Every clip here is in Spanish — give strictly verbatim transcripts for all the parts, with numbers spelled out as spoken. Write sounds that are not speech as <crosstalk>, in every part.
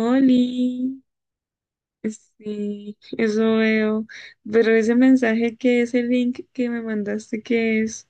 Oli, sí, eso veo. Pero ese mensaje que ese link que me mandaste, ¿qué es?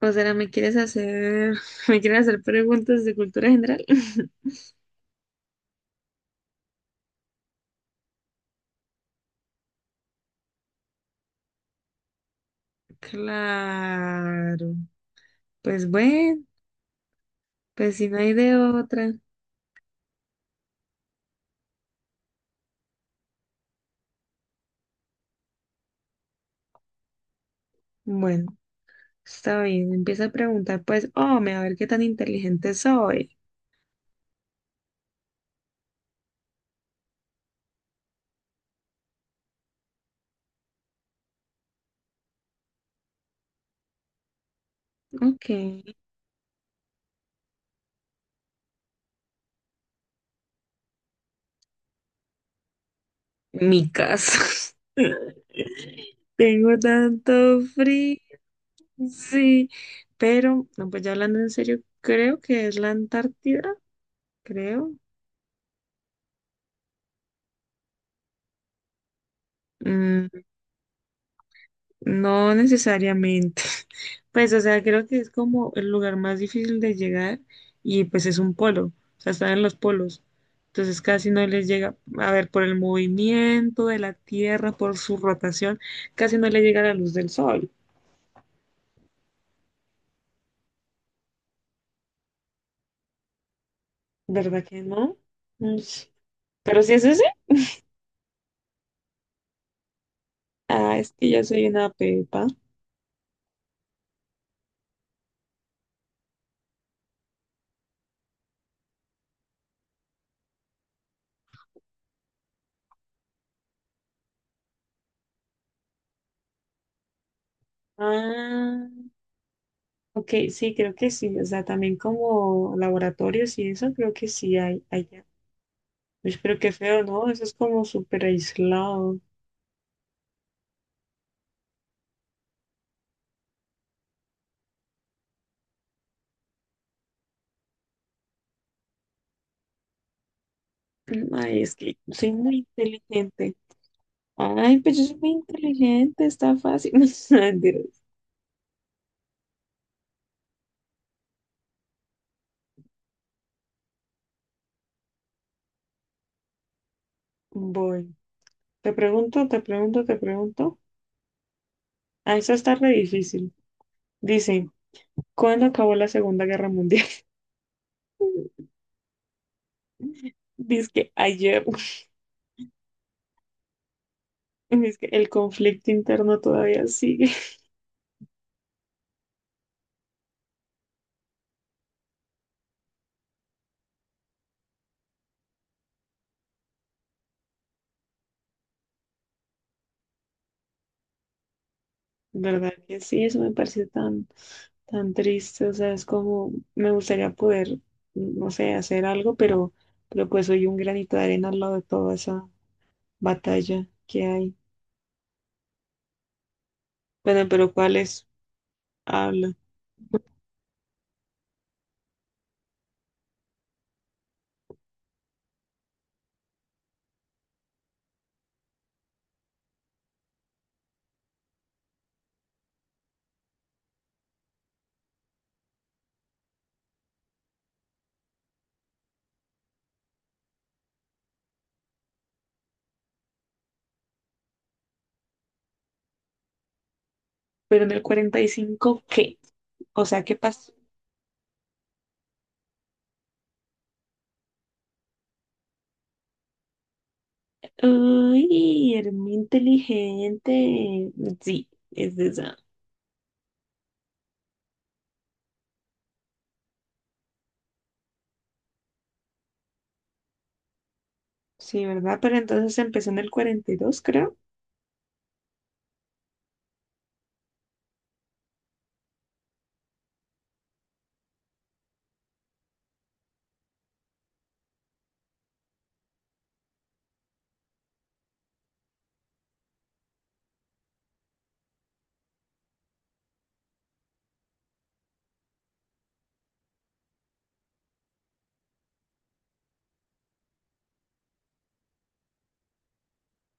O sea, ¿me quieres hacer, <laughs> me quieres hacer preguntas de cultura general? <laughs> Claro. Pues bueno, pues si no hay de otra. Bueno, está bien. Empieza a preguntar, pues, oh, me a ver qué tan inteligente soy. Ok. Mi casa. <laughs> Tengo tanto frío. Sí, pero, no, pues ya hablando en serio, creo que es la Antártida, creo. Mm, no necesariamente. <laughs> Pues, o sea, creo que es como el lugar más difícil de llegar y pues es un polo, o sea, están en los polos. Entonces casi no les llega, a ver, por el movimiento de la Tierra, por su rotación, casi no le llega la luz del sol, ¿verdad que no? Mm, Pero si es ese, ah, es que yo soy una pepa. Ah. Ok, sí, creo que sí. O sea, también como laboratorios y eso, creo que sí hay allá. Pues, pero qué feo, ¿no? Eso es como súper aislado. Ay, es que soy muy inteligente. Ay, pues yo soy muy inteligente, está fácil. <laughs> No, mentiras. Voy. Te pregunto, te pregunto, te pregunto. Ah, eso está re difícil. Dice, ¿cuándo acabó la Segunda Guerra Mundial? <laughs> Dice que ayer. <laughs> Dice que el conflicto interno todavía sigue. ¿Verdad que sí? Eso me parece tan, tan triste. O sea, es como me gustaría poder, no sé, hacer algo, pero, pero pues soy un granito de arena al lado de toda esa batalla que hay. Bueno, pero ¿cuáles habla? Pero en el cuarenta y cinco ¿qué? O sea, ¿qué pasó? Uy, eres muy inteligente. Sí, es de esa. Sí, ¿verdad? Pero entonces empezó en el cuarenta y dos creo.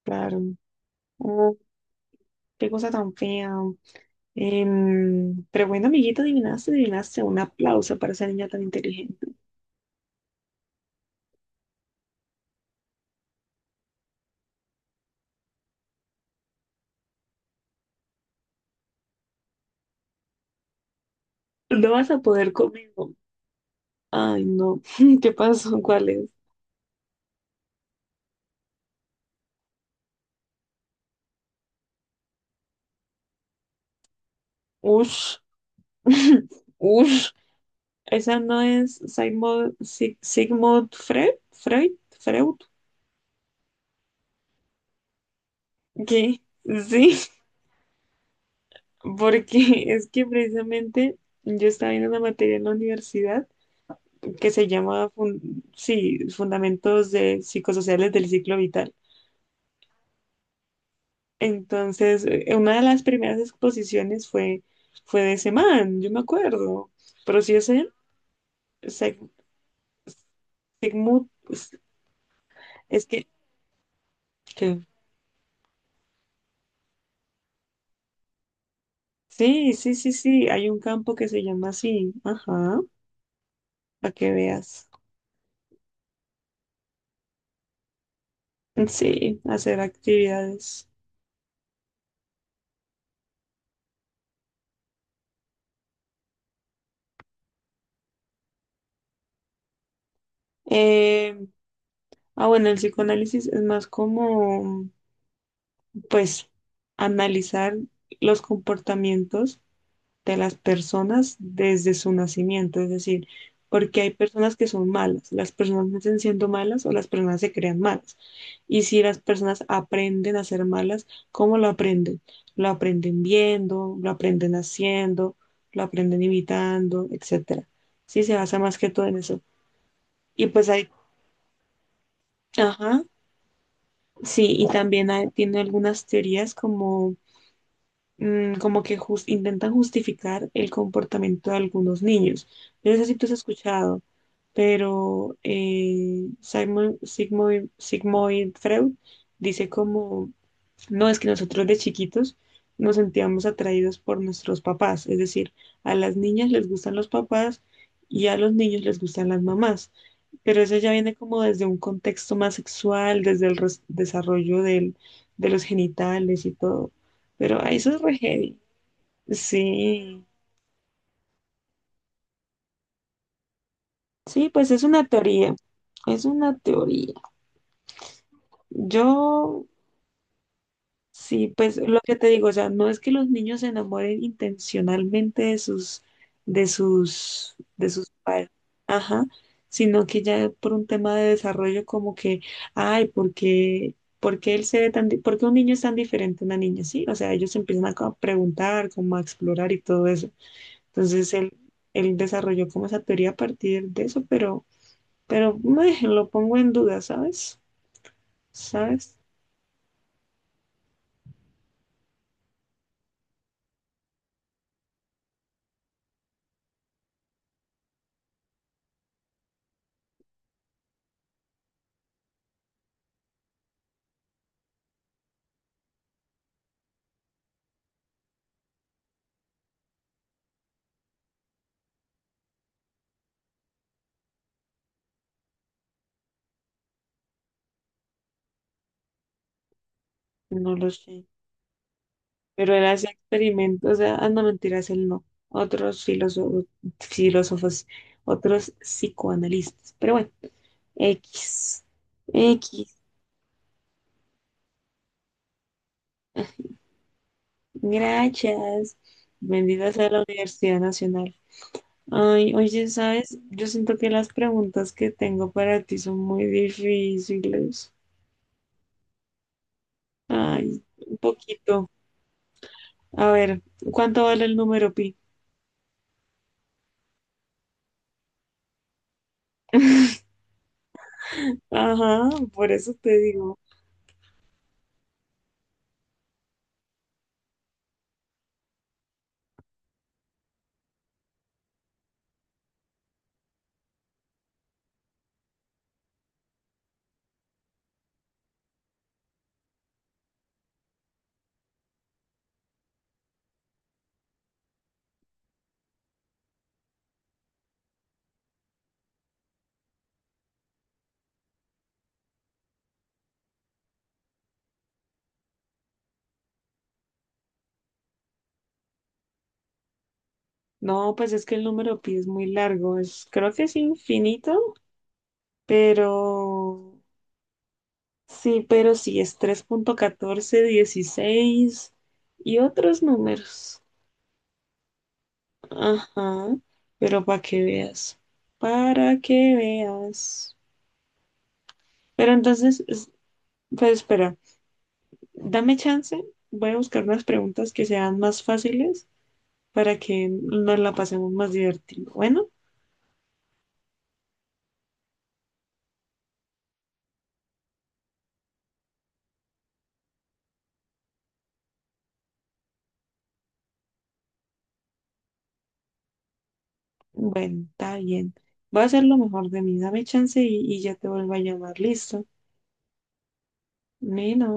Claro. Oh, qué cosa tan fea. Em, pero bueno, amiguito, adivinaste, adivinaste. Un aplauso para esa niña tan inteligente. No vas a poder conmigo. Ay, no. <laughs> ¿Qué pasó? ¿Cuál es? Ush. <laughs> Ush. ¿Esa no es Sigmund, Sig- Sigmund Freud? ¿Freud? ¿Freud? ¿Qué? Sí, <laughs> porque es que precisamente yo estaba viendo una materia en la universidad que se llama, fun- sí, Fundamentos de Psicosociales del Ciclo Vital. Entonces, eh, una de las primeras exposiciones fue, fue de ese man, yo me acuerdo. Pero sí es él, Sig- Sigmund, es es que, que- sí, sí, sí, sí, hay un campo que se llama así, ajá, para que veas. <laughs> Sí, hacer actividades. Eh, ah, bueno, el psicoanálisis es más como, pues, analizar los comportamientos de las personas desde su nacimiento, es decir, porque hay personas que son malas, las personas nacen siendo malas o las personas se crean malas. Y si las personas aprenden a ser malas, ¿cómo lo aprenden? Lo aprenden viendo, lo aprenden haciendo, lo aprenden imitando, etcétera. Sí, se basa más que todo en eso. Y pues hay, ajá, sí, y también hay- tiene algunas teorías como mm, como que jus- intentan justificar el comportamiento de algunos niños. Yo no sé si tú has escuchado, pero eh, Simon, Sigmund, Sigmund Freud dice como, no, es que nosotros de chiquitos nos sentíamos atraídos por nuestros papás, es decir, a las niñas les gustan los papás y a los niños les gustan las mamás. Pero eso ya viene como desde un contexto más sexual, desde el res- desarrollo del, de los genitales y todo. Pero ay, eso es re heavy. Sí, sí, pues es una teoría, es una teoría. Yo, sí, pues lo que te digo, o sea, no es que los niños se enamoren intencionalmente de sus, de sus, de sus padres, ajá, sino que ya por un tema de desarrollo como que, ay, ¿por qué, por qué él se ve tan, di- por qué un niño es tan diferente a una niña? Sí, o sea, ellos empiezan a co- a preguntar, como a explorar y todo eso. Entonces él, él desarrolló como esa teoría a partir de eso, pero, pero meh, lo pongo en duda, ¿sabes? ¿Sabes? No lo sé. Pero él hacía experimentos, o sea, ah, no mentiras, él no. Otros filósofos, filósofos, otros psicoanalistas. Pero bueno, X. X. Gracias. Bendita sea la Universidad Nacional. Ay, oye, ¿sabes? Yo siento que las preguntas que tengo para ti son muy difíciles. Ay, un poquito. A ver, ¿cuánto vale el número pi? Ajá, por eso te digo. No, pues es que el número pi es muy largo, es, creo que es infinito, pero sí, pero sí, es tres punto catorce dieciséis y otros números. Ajá, pero para que veas, para que veas. Pero entonces, es- pues espera, dame chance, voy a buscar unas preguntas que sean más fáciles para que nos la pasemos más divertido. Bueno, bueno, está bien. Voy a hacer lo mejor de mí. Dame chance y, y ya te vuelvo a llamar. Listo. Nino.